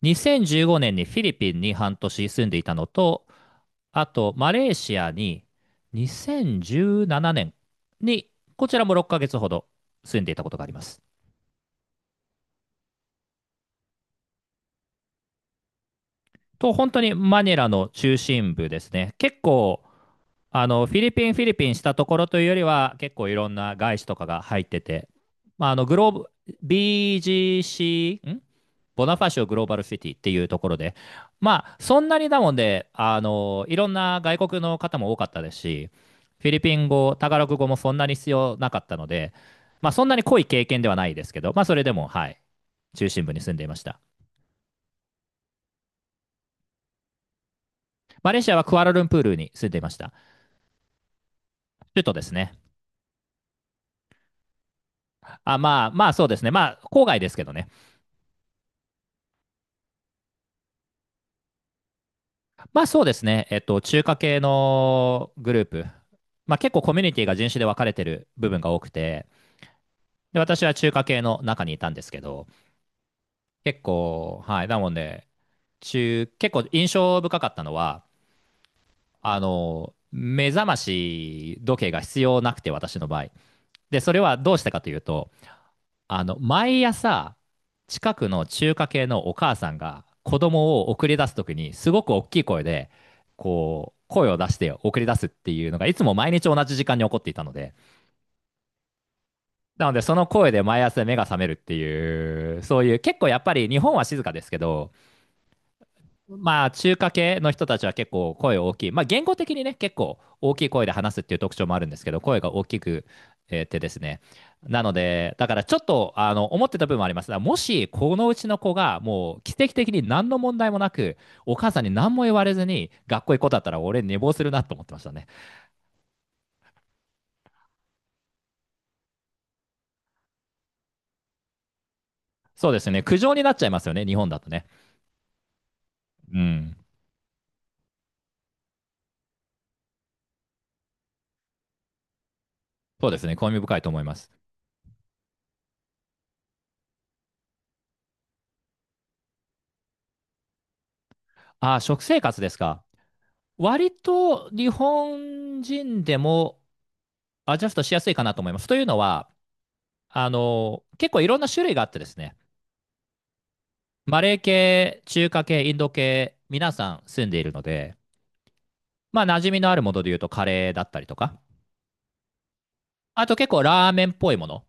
2015年にフィリピンに半年住んでいたのと、あとマレーシアに2017年にこちらも6ヶ月ほど住んでいたことがあります。本当にマニラの中心部ですね。結構フィリピンしたところというよりは、結構いろんな外資とかが入ってて、まあ、グローブ、BGC、ボナファシオグローバルシティっていうところで、まあ、そんなにだもんで、いろんな外国の方も多かったですし、フィリピン語、タガログ語もそんなに必要なかったので、まあ、そんなに濃い経験ではないですけど、まあ、それでも、はい、中心部に住んでいました。マレーシアはクアラルンプールに住んでいました。首都ですね。あ、まあ、まあ、そうですね。まあ、郊外ですけどね。まあ、そうですね。中華系のグループ。まあ、結構コミュニティが人種で分かれてる部分が多くて、で、私は中華系の中にいたんですけど、結構、はい。なので、結構印象深かったのは、目覚まし時計が必要なくて、私の場合。で、それはどうしたかというと、毎朝、近くの中華系のお母さんが子供を送り出すときに、すごく大きい声で、こう、声を出して送り出すっていうのが、いつも毎日同じ時間に起こっていたので、なので、その声で毎朝目が覚めるっていう、そういう、結構やっぱり日本は静かですけど、まあ、中華系の人たちは結構声大きい。まあ、言語的にね、結構大きい声で話すっていう特徴もあるんですけど、声が大きくてですね。なので、だからちょっと、思ってた部分もあります。だからもし、このうちの子が、もう、奇跡的に何の問題もなく、お母さんに何も言われずに、学校行く子だったら、俺、寝坊するなと思ってましたね。そうですね。苦情になっちゃいますよね、日本だとね。うん。そうですね。興味深いと思います。ああ、食生活ですか。割と日本人でもアジャストしやすいかなと思います。というのは、結構いろんな種類があってですね、マレー系、中華系、インド系、皆さん住んでいるので、まあ、馴染みのあるもので言うとカレーだったりとか、あと結構ラーメンっぽいもの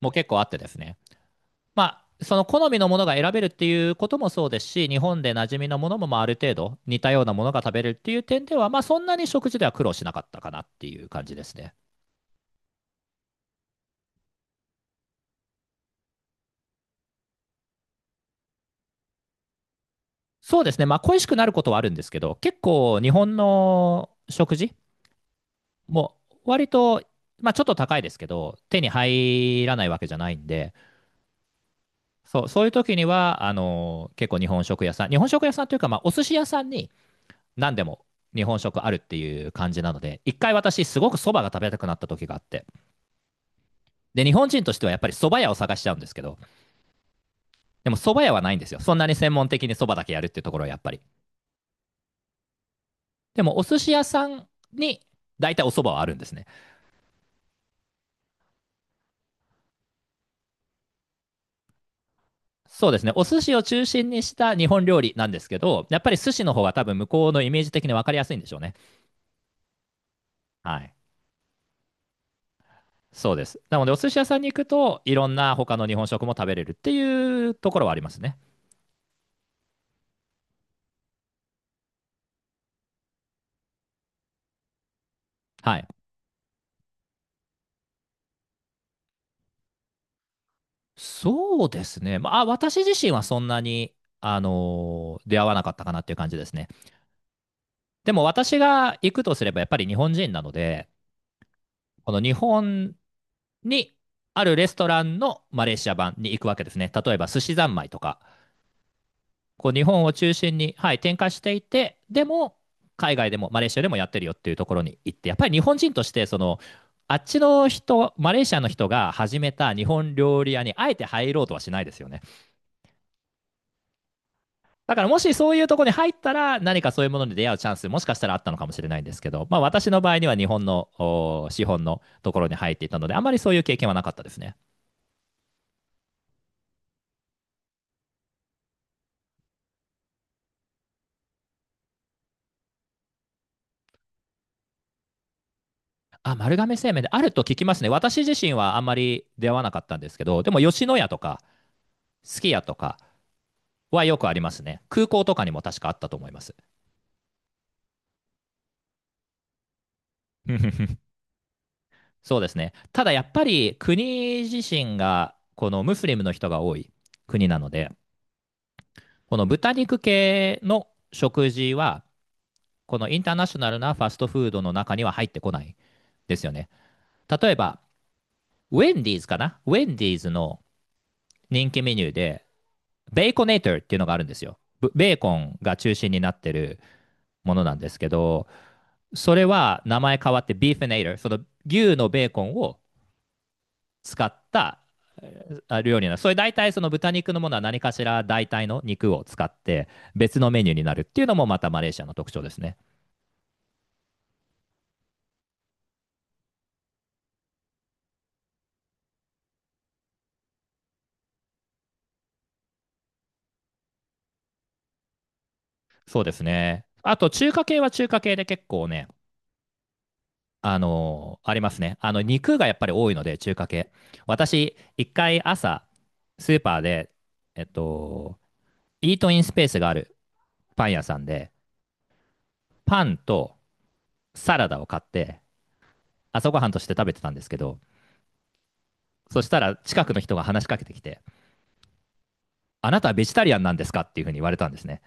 も結構あってですね、まあ、その好みのものが選べるっていうこともそうですし、日本で馴染みのものもまあある程度似たようなものが食べれるっていう点では、まあ、そんなに食事では苦労しなかったかなっていう感じですね。そうですね、まあ、恋しくなることはあるんですけど、結構日本の食事もう割と、まあ、ちょっと高いですけど、手に入らないわけじゃないんで、そうそういう時には結構日本食屋さん、日本食屋さんというか、まあ、お寿司屋さんに何でも日本食あるっていう感じなので、一回私、すごくそばが食べたくなった時があって、で、日本人としてはやっぱりそば屋を探しちゃうんですけど、でも、そば屋はないんですよ、そんなに専門的にそばだけやるっていうところはやっぱり。でも、お寿司屋さんに大体おそばはあるんですね。そうですね。お寿司を中心にした日本料理なんですけど、やっぱり寿司の方が多分向こうのイメージ的に分かりやすいんでしょうね。はい。そうです。なので、お寿司屋さんに行くと、いろんな他の日本食も食べれるっていうところはありますね。はい。そうですね。まあ、私自身はそんなに、出会わなかったかなっていう感じですね。でも、私が行くとすれば、やっぱり日本人なので、この日本にあるレストランのマレーシア版に行くわけですね。例えば、寿司三昧とか、こう日本を中心に、はい、展開していて、でも、海外でもマレーシアでもやってるよっていうところに行って、やっぱり日本人としてあっちの人、マレーシアの人が始めた日本料理屋にあえて入ろうとはしないですよね。だから、もしそういうところに入ったら、何かそういうものに出会うチャンス、もしかしたらあったのかもしれないんですけど、まあ、私の場合には日本のお資本のところに入っていたので、あまりそういう経験はなかったですね。あ、丸亀製麺であると聞きますね。私自身はあんまり出会わなかったんですけど、でも、吉野家とか、すき家とか、はよくありますね。空港とかにも確かあったと思います。そうですね。ただ、やっぱり国自身がこのムスリムの人が多い国なので、この豚肉系の食事は、このインターナショナルなファストフードの中には入ってこないですよね。例えば、ウェンディーズかな、ウェンディーズの人気メニューで、ベーコネーターっていうのがあるんですよ。ベーコンが中心になってるものなんですけど、それは名前変わってビーフネイター、その牛のベーコンを使った料理なの。それ、大体その豚肉のものは何かしら代替の肉を使って別のメニューになるっていうのもまたマレーシアの特徴ですね。そうですね。あと、中華系は中華系で結構ね、ありますね。あの、肉がやっぱり多いので中華系。私、一回朝スーパーで、えっと、イートインスペースがあるパン屋さんでパンとサラダを買って朝ごはんとして食べてたんですけど、そしたら近くの人が話しかけてきて、あなたはベジタリアンなんですかっていうふうに言われたんですね。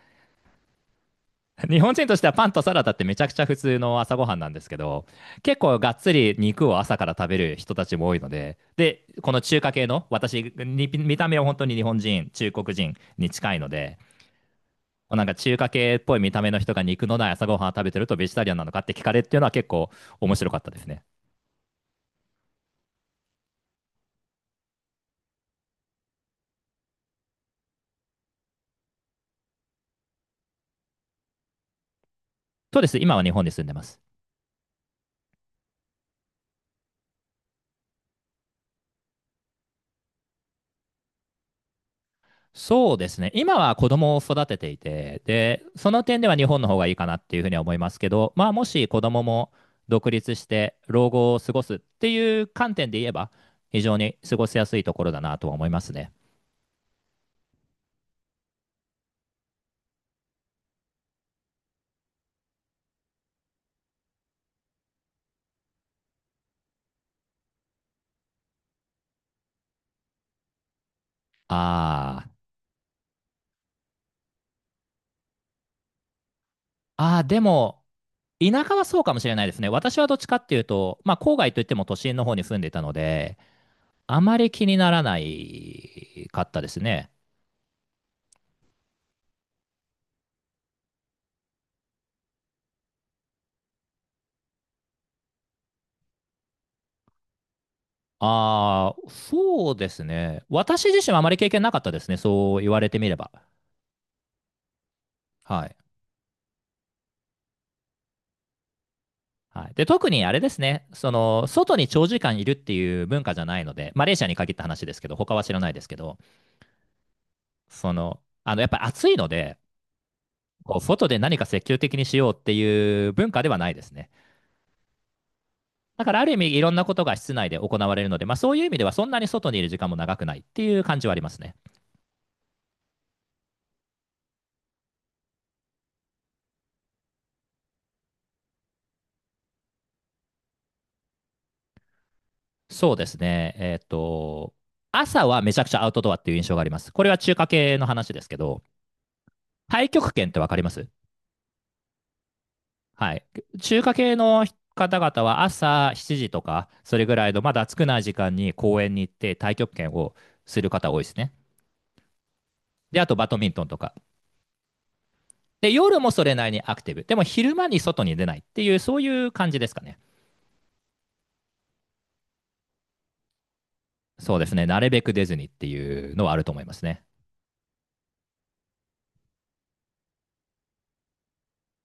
日本人としてはパンとサラダってめちゃくちゃ普通の朝ごはんなんですけど、結構がっつり肉を朝から食べる人たちも多いので、で、この中華系の、私、に見た目は本当に日本人、中国人に近いので、なんか中華系っぽい見た目の人が肉のない朝ごはんを食べてるとベジタリアンなのかって聞かれるっていうのは結構面白かったですね。そうです、今は日本に住んでます。そうですね。今は子供を育てていて、で、その点では日本の方がいいかなっていうふうには思いますけど、まあ、もし子供も独立して老後を過ごすっていう観点で言えば、非常に過ごしやすいところだなとは思いますね。あー、あー、でも、田舎はそうかもしれないですね。私はどっちかっていうと、まあ、郊外といっても都心の方に住んでいたので、あまり気にならないかったですね。ああ、そうですね。私自身はあまり経験なかったですね。そう言われてみれば。はい。はい、で、特にあれですね外に長時間いるっていう文化じゃないので、マレーシアに限った話ですけど、他は知らないですけど、やっぱり暑いので、こう外で何か積極的にしようっていう文化ではないですね。だから、ある意味、いろんなことが室内で行われるので、まあ、そういう意味ではそんなに外にいる時間も長くないっていう感じはありますね。そうですね、朝はめちゃくちゃアウトドアっていう印象があります。これは中華系の話ですけど、太極拳って分かります？はい。中華系の方々は朝7時とか、それぐらいのまだ暑くない時間に公園に行って太極拳をする方多いですね。で、あとバドミントンとか。で、夜もそれなりにアクティブ。でも、昼間に外に出ないっていう、そういう感じですかね。そうですね。なるべく出ずにっていうのはあると思いますね。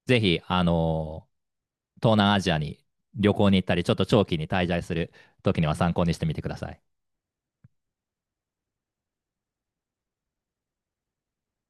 ぜひ、東南アジアに旅行に行ったり、ちょっと長期に滞在する時には参考にしてみてください。